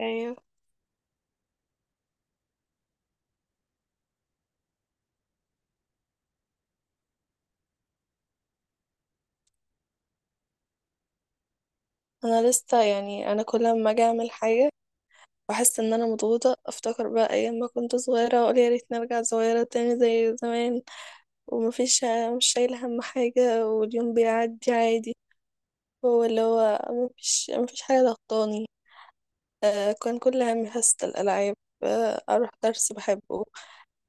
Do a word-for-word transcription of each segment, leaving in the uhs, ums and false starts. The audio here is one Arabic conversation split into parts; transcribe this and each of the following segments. ايوه، انا لسه يعني انا كل ما اجي اعمل حاجه واحس ان انا مضغوطه افتكر بقى ايام ما كنت صغيره واقول يا ريت نرجع صغيره تاني زي زمان. ومفيش مش شايله هم حاجه واليوم بيعدي عادي. هو اللي هو مفيش مفيش حاجه ضغطاني. آه كان كل همي حصه الالعاب. آه اروح درس بحبه.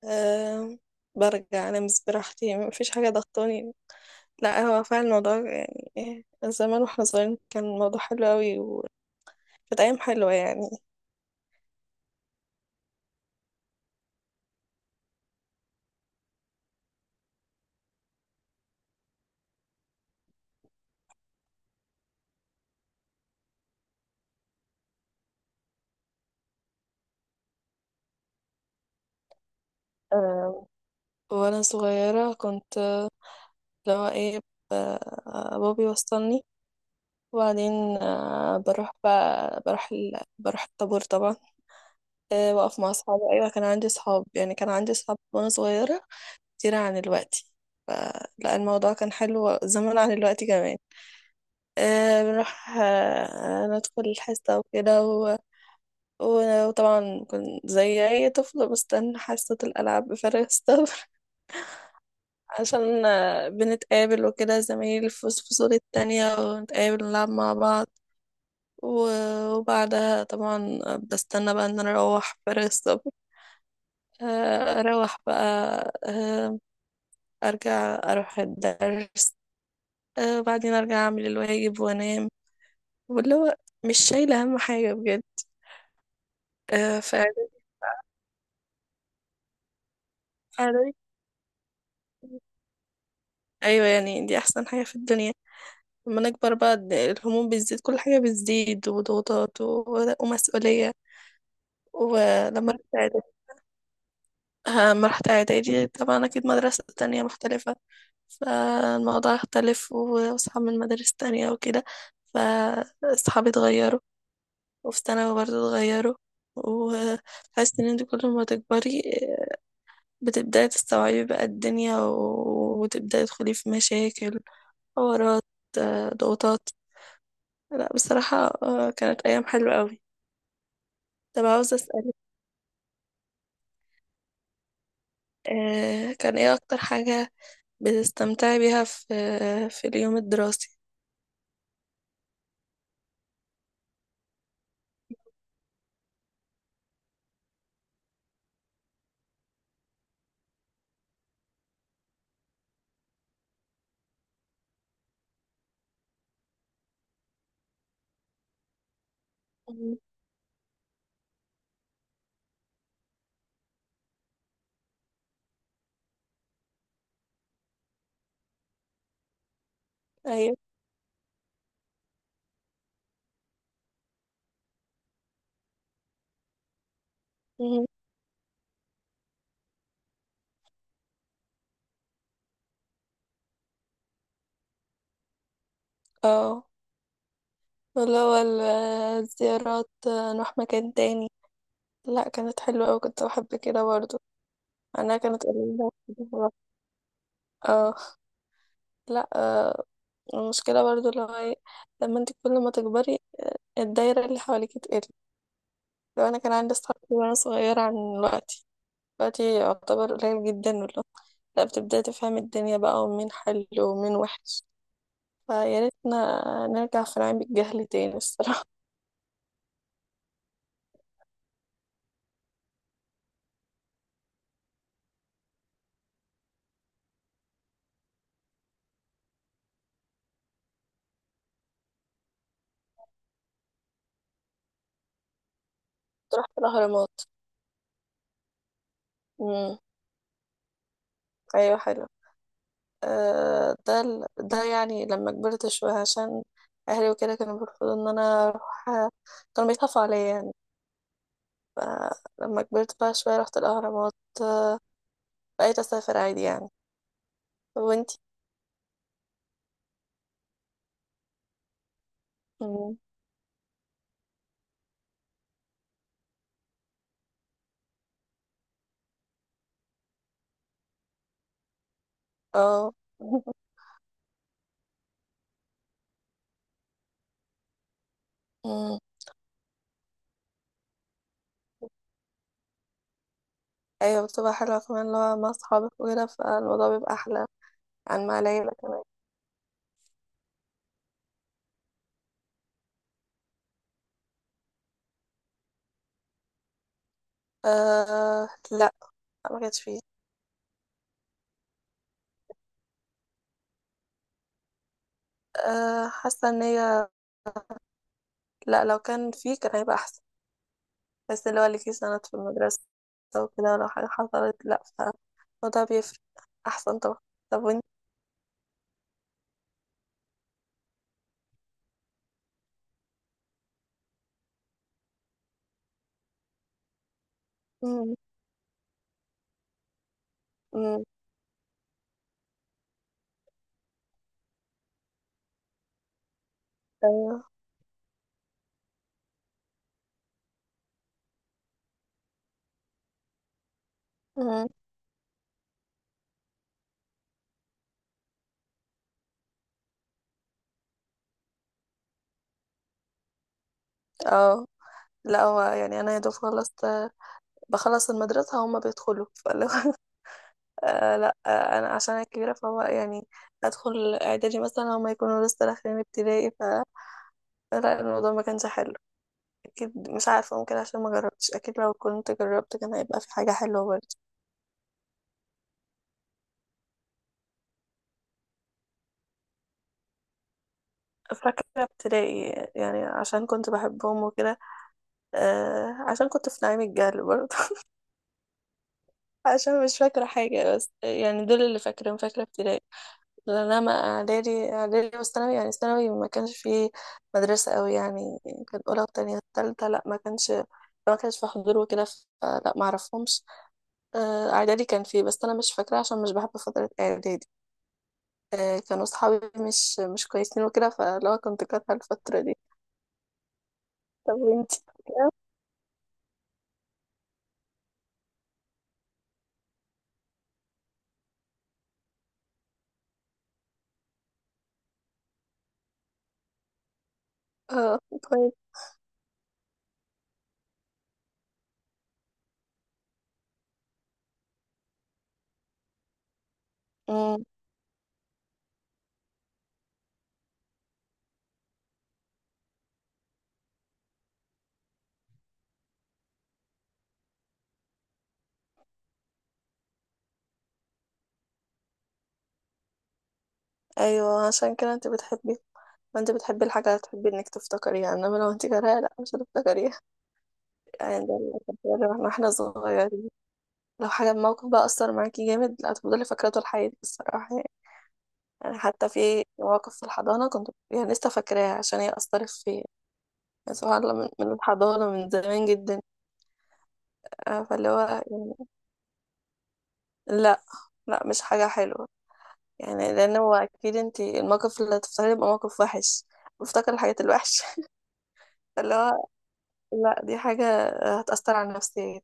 آه برجع انام براحتي، مفيش حاجه ضغطاني. لا هو فعلا الموضوع يعني، آه، زمان واحنا صغيرين كان الموضوع حلو قوي، وكانت ايام حلوه يعني. آه، وانا صغيرة كنت، اللي هو ايه، ب- بابي وصلني، وبعدين آه، بروح بقى بروح ال... بروح الطابور طبعا. آه، واقف مع اصحابي. ايوه، كان عندي اصحاب، يعني كان عندي اصحاب وانا صغيرة كتير عن الوقت. فلا الموضوع كان حلو زمان عن الوقت كمان. آه، بنروح، آه، ندخل الحصة وكده، و... و... وطبعا كنت زي أي طفل بستنى حصة الألعاب بفارغ الصبر. عشان آه، بنتقابل وكده زمايل في في فصول التانية، ونتقابل نلعب مع بعض. و- وبعدها طبعا بستنى بقى ان انا اروح فارغ الصبر. آه، اروح بقى. آه، ارجع اروح الدرس. آه، وبعدين ارجع اعمل الواجب وانام. واللي هو مش شايلة اهم حاجة بجد. آه، فإعدادي. إعدادي- ايوه، يعني دي احسن حاجة في الدنيا. لما نكبر بقى الد- الهموم بتزيد، كل حاجة بتزيد، وضغوطات و- ومسؤولية. ولما أما رحت إعدادي، طبعا أكيد مدرسة تانية مختلفة، فالموضوع اختلف و- وأصحاب من مدارس تانية وكده، فأصحابي اتغيروا، وفي ثانوي برضه اتغيروا. وحاسة إن انت كل ما تكبري بتبدأي تستوعبي بقى الدنيا، و- وتبدأي تدخلي في مشاكل، حوارات، آه، ضغوطات. لا بصراحة، آه، كانت أيام حلوة أوي. طب عاوزة أسألك، آه، كان إيه أكتر حاجة بتستمتعي بيها في في اليوم الدراسي؟ مم. ايوه. مم. اه، اللي هو ال- الزيارات، آه، نروح مكان تاني. لا كانت حلوة أوي، كنت بحب كده برضو. أنا كانت قليلة بصراحة. اه. لا، آه، المشكلة برضو اللي هو إيه، لما انت كل ما تكبري آه، الدايرة اللي حواليك تقل. لو أنا كان عندي أصحاب كتير وأنا صغيرة عن دلوقتي، دلوقتي يعتبر قليل جدا والله. لا، بتبدأي تفهمي الدنيا بقى، ومين حلو ومين وحش، فيا ريتنا نرجع في نعيم الجهل تاني الصراحة. تروح الأهرامات. امم. ايوه، حلو. آه ده ال- ده يعني لما كبرت شويه عشان اهلي وكده كانوا بيرفضوا ان انا اروح، كانوا بيخافوا عليا يعني. فلما كبرت بقى شويه رحت الاهرامات، بقيت اسافر عادي يعني. وانتي؟ امم. اه. امم. ايوه، بتبقى حلوه كمان، اللي هو مع اصحابك وكده، فالموضوع بيبقى احلى عن مع العيله كمان. آه، لا، ما كانش فيه. آه حاسه ان هي، لا، لو كان فيه كان هيبقى احسن، بس اللي هو ليكي سند في المدرسة وكده، ولو حاجة حصلت لأ، فالموضوع بيفرق، أحسن طبعا. طب وانت؟ مم. مم. أيوه. مم. اه، لا هو يعني أنا يا دوب خلصت، بخلص المدرسة هما بيدخلوا، فاللي هو آه لا، آه أنا عشان أنا كبيرة فهو يعني، أدخل إعدادي مثلا هما يكونوا لسه داخلين ابتدائي، ف لا الموضوع ما كانش حلو. أكيد مش عارفة، ممكن عشان ما جربتش، أكيد لو كنت جربت كان هيبقى في حاجة حلوة برضه. فاكرة ابتدائي، يعني عشان كنت بحبهم وكده، آه عشان كنت في نعيم الجهل برضه. عشان مش فاكرة حاجة، بس يعني دول اللي فاكرهم، فاكرة ابتدائي. لأن أنا إعدادي إعدادي والثانوي، يعني ثانوي ما كانش فيه مدرسة أوي يعني، كان أولى وتانية تالتة، لأ ما كانش ما كانش في حضور وكده، فلا ما أعرفهمش. آه، إعدادي كان فيه بس أنا مش فاكرة، عشان مش بحب فترة إعدادي. آه، كانوا صحابي مش مش كويسين وكده، فلو كنت كارهة الفترة دي. طب وانتي؟ اه. كويس. امم. ايوه، عشان كده انت بتحبي، ما انت بتحبي الحاجه هتحبي انك تفتكريها، انما لو انت كارهاها لا، مش هتفتكريها. يعني ده اللي كان بيقول لنا واحنا صغيرين، لو حاجه موقف بقى اثر معاكي جامد، لا هتفضلي فاكراه طول حياتك الصراحه يعني. يعني حتى في مواقف في الحضانه كنت يعني لسه فاكراها عشان هي اثرت فيا. يعني سبحان الله، من, من الحضانه، من زمان جدا. آه، فاللي هو يعني، لا، لا مش حاجه حلوه. يعني لان هو اكيد انت الموقف اللي هتفتكريه يبقى موقف وحش، بفتكر الحاجات الوحشه. فاللي هو لا، دي حاجة هتأثر على نفسيتي.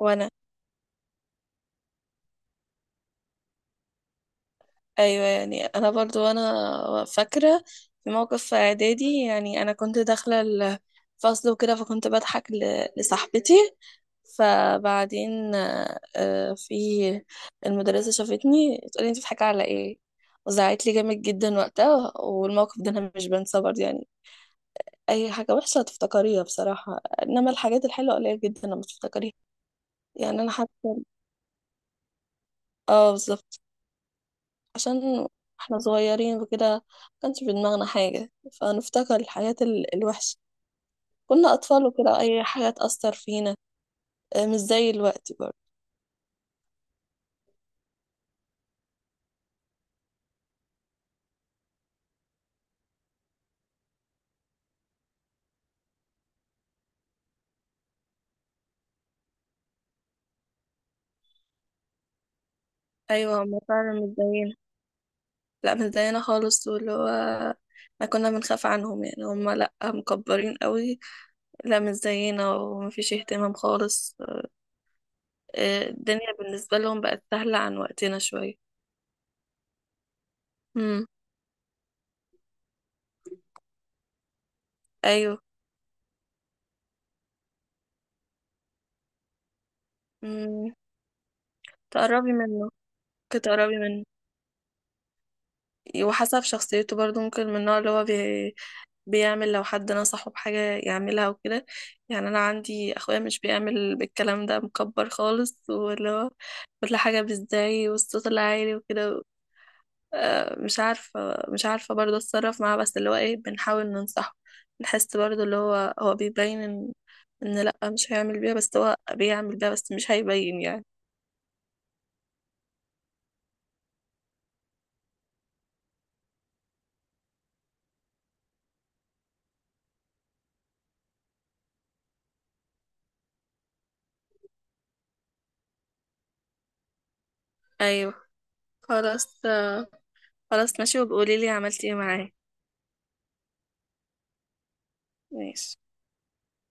وانا، ايوه يعني انا برضو انا فاكره في موقف في اعدادي، يعني انا كنت داخله الفصل وكده، فكنت بضحك ل- لصاحبتي. فبعدين آه، آه، في المدرسه شافتني، تقولي انت بتضحكي على ايه؟ وزعقت لي جامد جدا وقتها، والموقف ده انا مش بنساه برضه يعني. اي حاجه وحشه هتفتكريها بصراحه، انما الحاجات الحلوه قليل جدا لما تفتكريها. يعني انا حاسه. اه بالظبط، عشان احنا صغيرين وكده ما كانش في دماغنا حاجة، فنفتكر الحاجات ال- الوحشة. كنا أطفال وكده، أي حاجة تأثر فينا. آه، مش زي الوقت برضه. أيوة، هما فعلا مش زينا. لا، مش زينا خالص، واللي هو احنا كنا بنخاف عنهم، يعني هما لأ، مكبرين قوي. لا، مش زينا، ومفيش اهتمام خالص. آه، الدنيا بالنسبة لهم بقت سهلة عن وقتنا شوية. امم. أيوه. امم. تقربي منه، كنت تقربي منه، وحسب شخصيته برضه، ممكن من النوع اللي هو بي بيعمل لو حد نصحه بحاجة، يعملها وكده. يعني أنا عندي أخويا مش بيعمل بالكلام ده، مكبر خالص، واللي هو كل حاجة بالزعي والصوت العالي وكده. آه، مش عارفة مش عارفة برضه أتصرف معاه، بس اللي هو إيه، بنحاول ننصحه. بنحس برضه اللي هو هو بيبين إن، إن لأ، مش هيعمل بيها، بس هو بيعمل بيها، بس مش هيبين يعني. أيوه، خلاص. آه، خلاص ماشي، وبقوليلي عملتي إيه معاه. ماشي.